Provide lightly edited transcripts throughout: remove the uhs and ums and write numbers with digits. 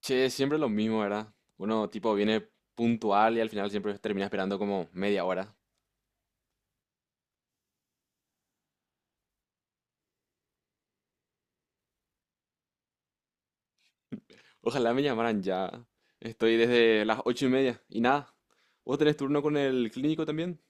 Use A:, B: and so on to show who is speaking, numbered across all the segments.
A: Che, siempre lo mismo, ¿verdad? Uno tipo viene puntual y al final siempre termina esperando como media hora. Ojalá me llamaran ya. Estoy desde las ocho y media y nada. ¿Vos tenés turno con el clínico también?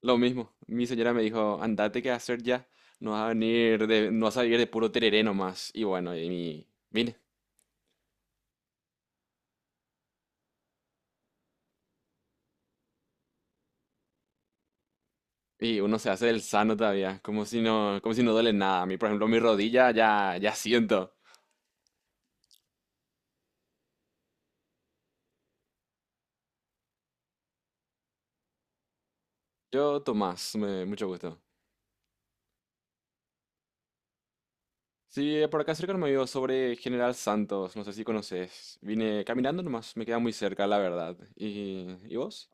A: Lo mismo. Mi señora me dijo, andate que hacer ya. No vas a venir de, no vas a vivir de puro tereré nomás. Y bueno, y vine. Y uno se hace el sano todavía, como si no duele nada. A mí, por ejemplo, mi rodilla ya, ya siento. Yo, Tomás, mucho gusto. Sí, por acá cerca no me vio sobre General Santos, no sé si conoces. Vine caminando nomás, me queda muy cerca, la verdad. Y vos?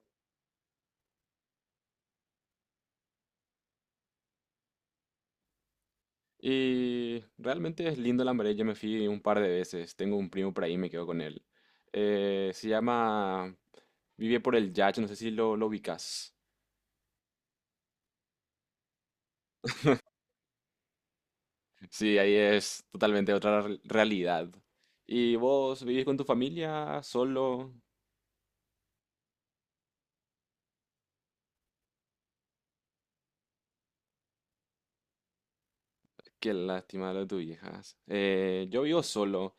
A: Y realmente es lindo Lambaré, yo me fui un par de veces, tengo un primo por ahí, me quedo con él. Se llama... Vive por el Yacht, no sé si lo, lo ubicas. Sí, ahí es totalmente otra realidad. ¿Y vos vivís con tu familia solo? Qué lástima lo de tus hijas. Yo vivo solo.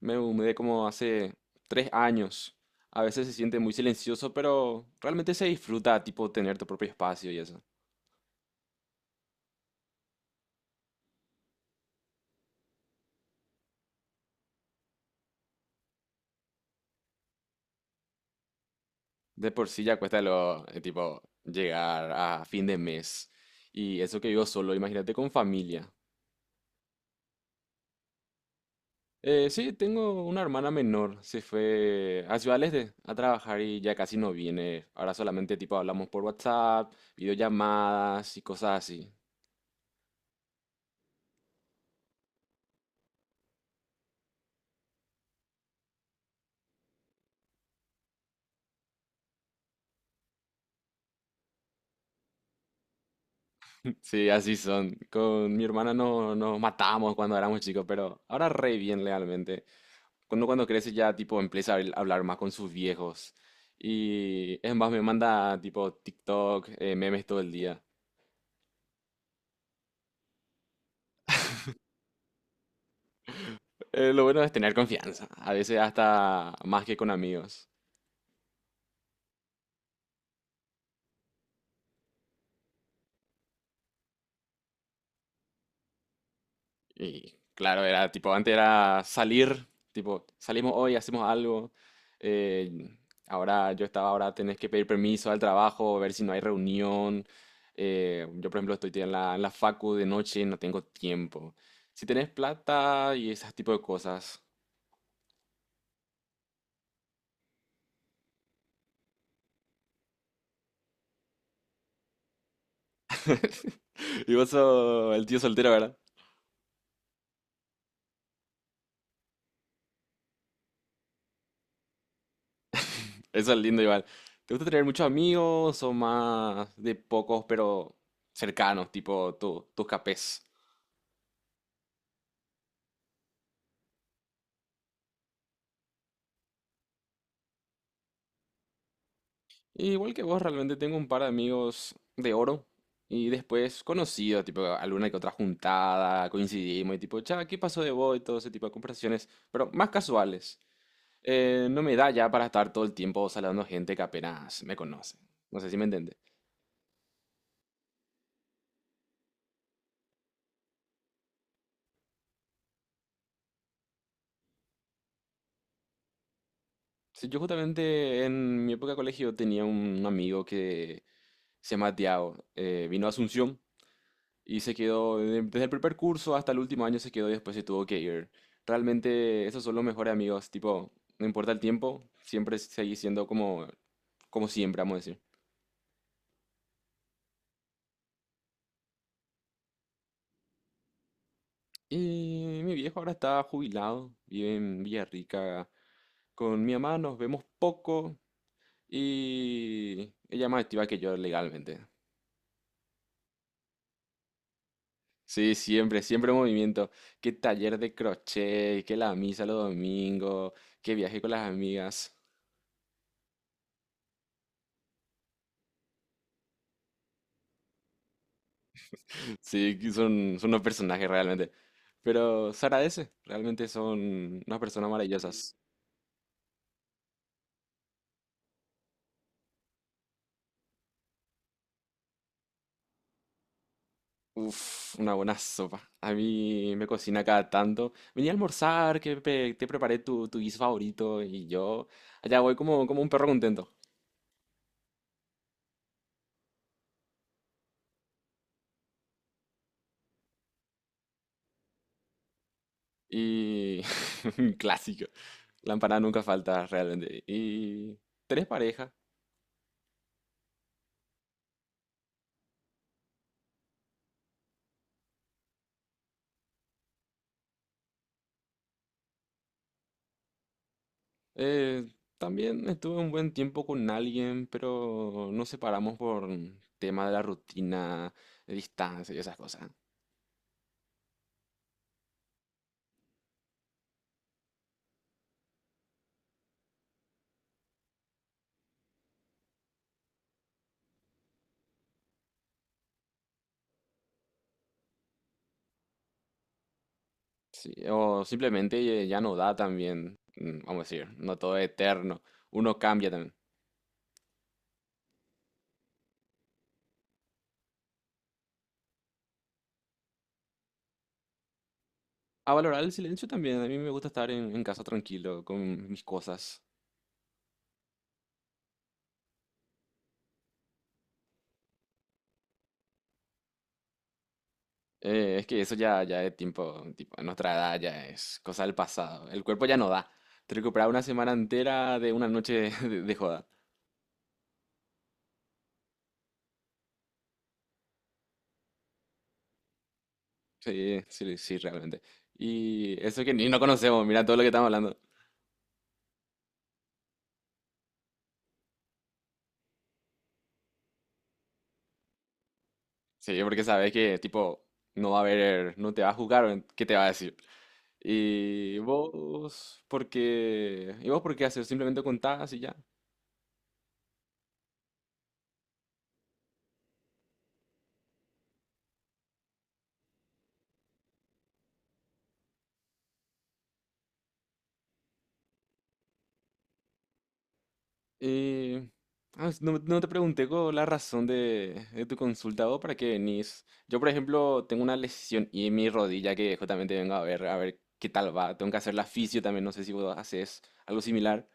A: Me mudé como hace tres años. A veces se siente muy silencioso, pero realmente se disfruta, tipo, tener tu propio espacio y eso. De por sí ya cuesta lo, tipo, llegar a fin de mes. Y eso que vivo solo, imagínate con familia. Sí, tengo una hermana menor. Se fue a Ciudad del Este a trabajar y ya casi no viene. Ahora solamente, tipo, hablamos por WhatsApp, videollamadas y cosas así. Sí, así son. Con mi hermana no, nos matábamos cuando éramos chicos, pero ahora re bien realmente. Cuando crece ya tipo empieza a hablar más con sus viejos. Y es más, me manda tipo TikTok, memes todo el día. Lo bueno es tener confianza, a veces hasta más que con amigos. Y claro, era tipo, antes era salir, tipo, salimos hoy, hacemos algo. eh, Ahora yo estaba, ahora tenés que pedir permiso al trabajo, ver si no hay reunión. Yo, por ejemplo, estoy en la facu de noche, no tengo tiempo. Si tenés plata y ese tipo de cosas. Y vos sos el tío soltero, ¿verdad? Eso es lindo igual. ¿Te gusta tener muchos amigos o más de pocos pero cercanos, tipo tus capés? Y igual que vos, realmente tengo un par de amigos de oro y después conocidos, tipo alguna que otra juntada, coincidimos y tipo, cha, ¿qué pasó de vos? Y todo ese tipo de conversaciones, pero más casuales. No me da ya para estar todo el tiempo saludando gente que apenas me conoce. No sé si me entiende. Sí, yo justamente en mi época de colegio tenía un amigo que se llama Tiago, vino a Asunción y se quedó, desde el primer curso hasta el último año se quedó y después se tuvo que ir. Realmente esos son los mejores amigos, tipo, no importa el tiempo, siempre seguís siendo como, como siempre, vamos a decir. Y mi viejo ahora está jubilado, vive en Villarrica. Con mi mamá nos vemos poco y ella es más activa que yo legalmente. Sí, siempre, siempre movimiento. Qué taller de crochet, qué la misa los domingos, qué viaje con las amigas. Sí, que son, son unos personajes realmente. Pero se agradece, realmente son unas personas maravillosas. Uf, una buena sopa. A mí me cocina cada tanto. Vení a almorzar, que te preparé tu, tu guiso favorito y yo allá voy como, como un perro contento. Y un clásico. La empanada nunca falta realmente. ¿Y tenés pareja? Eh, también estuve un buen tiempo con alguien, pero nos separamos por tema de la rutina, de distancia y esas cosas. Sí, o simplemente ya no da también, vamos a decir, no todo es eterno, uno cambia también. A valorar el silencio también, a mí me gusta estar en casa tranquilo, con mis cosas. Es que eso ya, ya es tiempo, tipo, a nuestra edad ya es cosa del pasado, el cuerpo ya no da. Te recuperar una semana entera de una noche de joda. Sí, sí, sí, realmente. Y eso que ni no conocemos, mira todo lo que estamos hablando. Sí, porque sabes que, tipo, no va a haber, no te va a juzgar, o ¿qué te va a decir? Y vos, ¿por qué? Y vos, ¿por qué haces? Simplemente contás y ya. Y ah, no, no te pregunté con la razón de tu consulta, vos, ¿para qué venís? Yo, por ejemplo, tengo una lesión y en mi rodilla que justamente vengo a ver qué tal va. Tengo que hacer la fisio también, no sé si vos haces algo similar.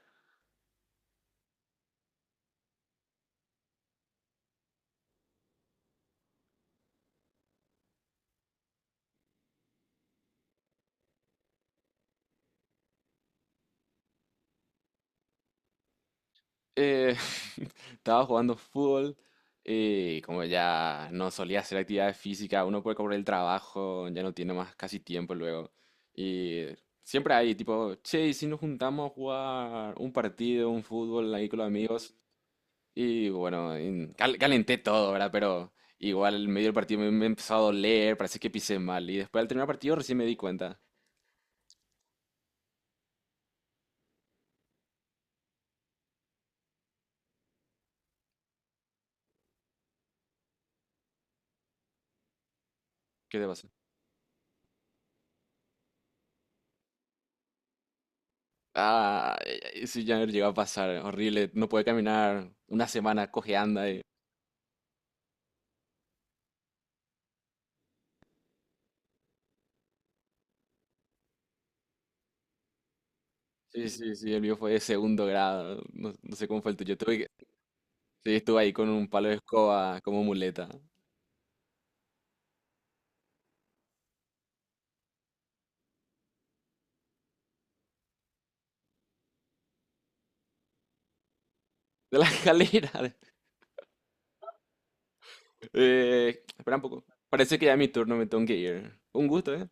A: Eh, estaba jugando fútbol y como ya no solía hacer actividad física, uno puede cobrar el trabajo, ya no tiene más casi tiempo luego. Y siempre hay tipo, che, ¿y si nos juntamos a jugar un partido, un fútbol ahí con los amigos? Y bueno, calenté todo, ¿verdad? Pero igual en medio del partido me, me empezó a doler, parece que pisé mal. Y después al terminar el partido recién me di cuenta. ¿Qué te pasó? Ah, sí, ya no llegó a pasar, horrible, no puede caminar, una semana cojeando. Sí, sí, sí, el mío fue de segundo grado, no, no sé cómo fue el tuyo. Sí, estuve ahí con un palo de escoba como muleta de la escalera. Espera un poco. Parece que ya es mi turno, me tengo que ir. Un gusto, ¿eh?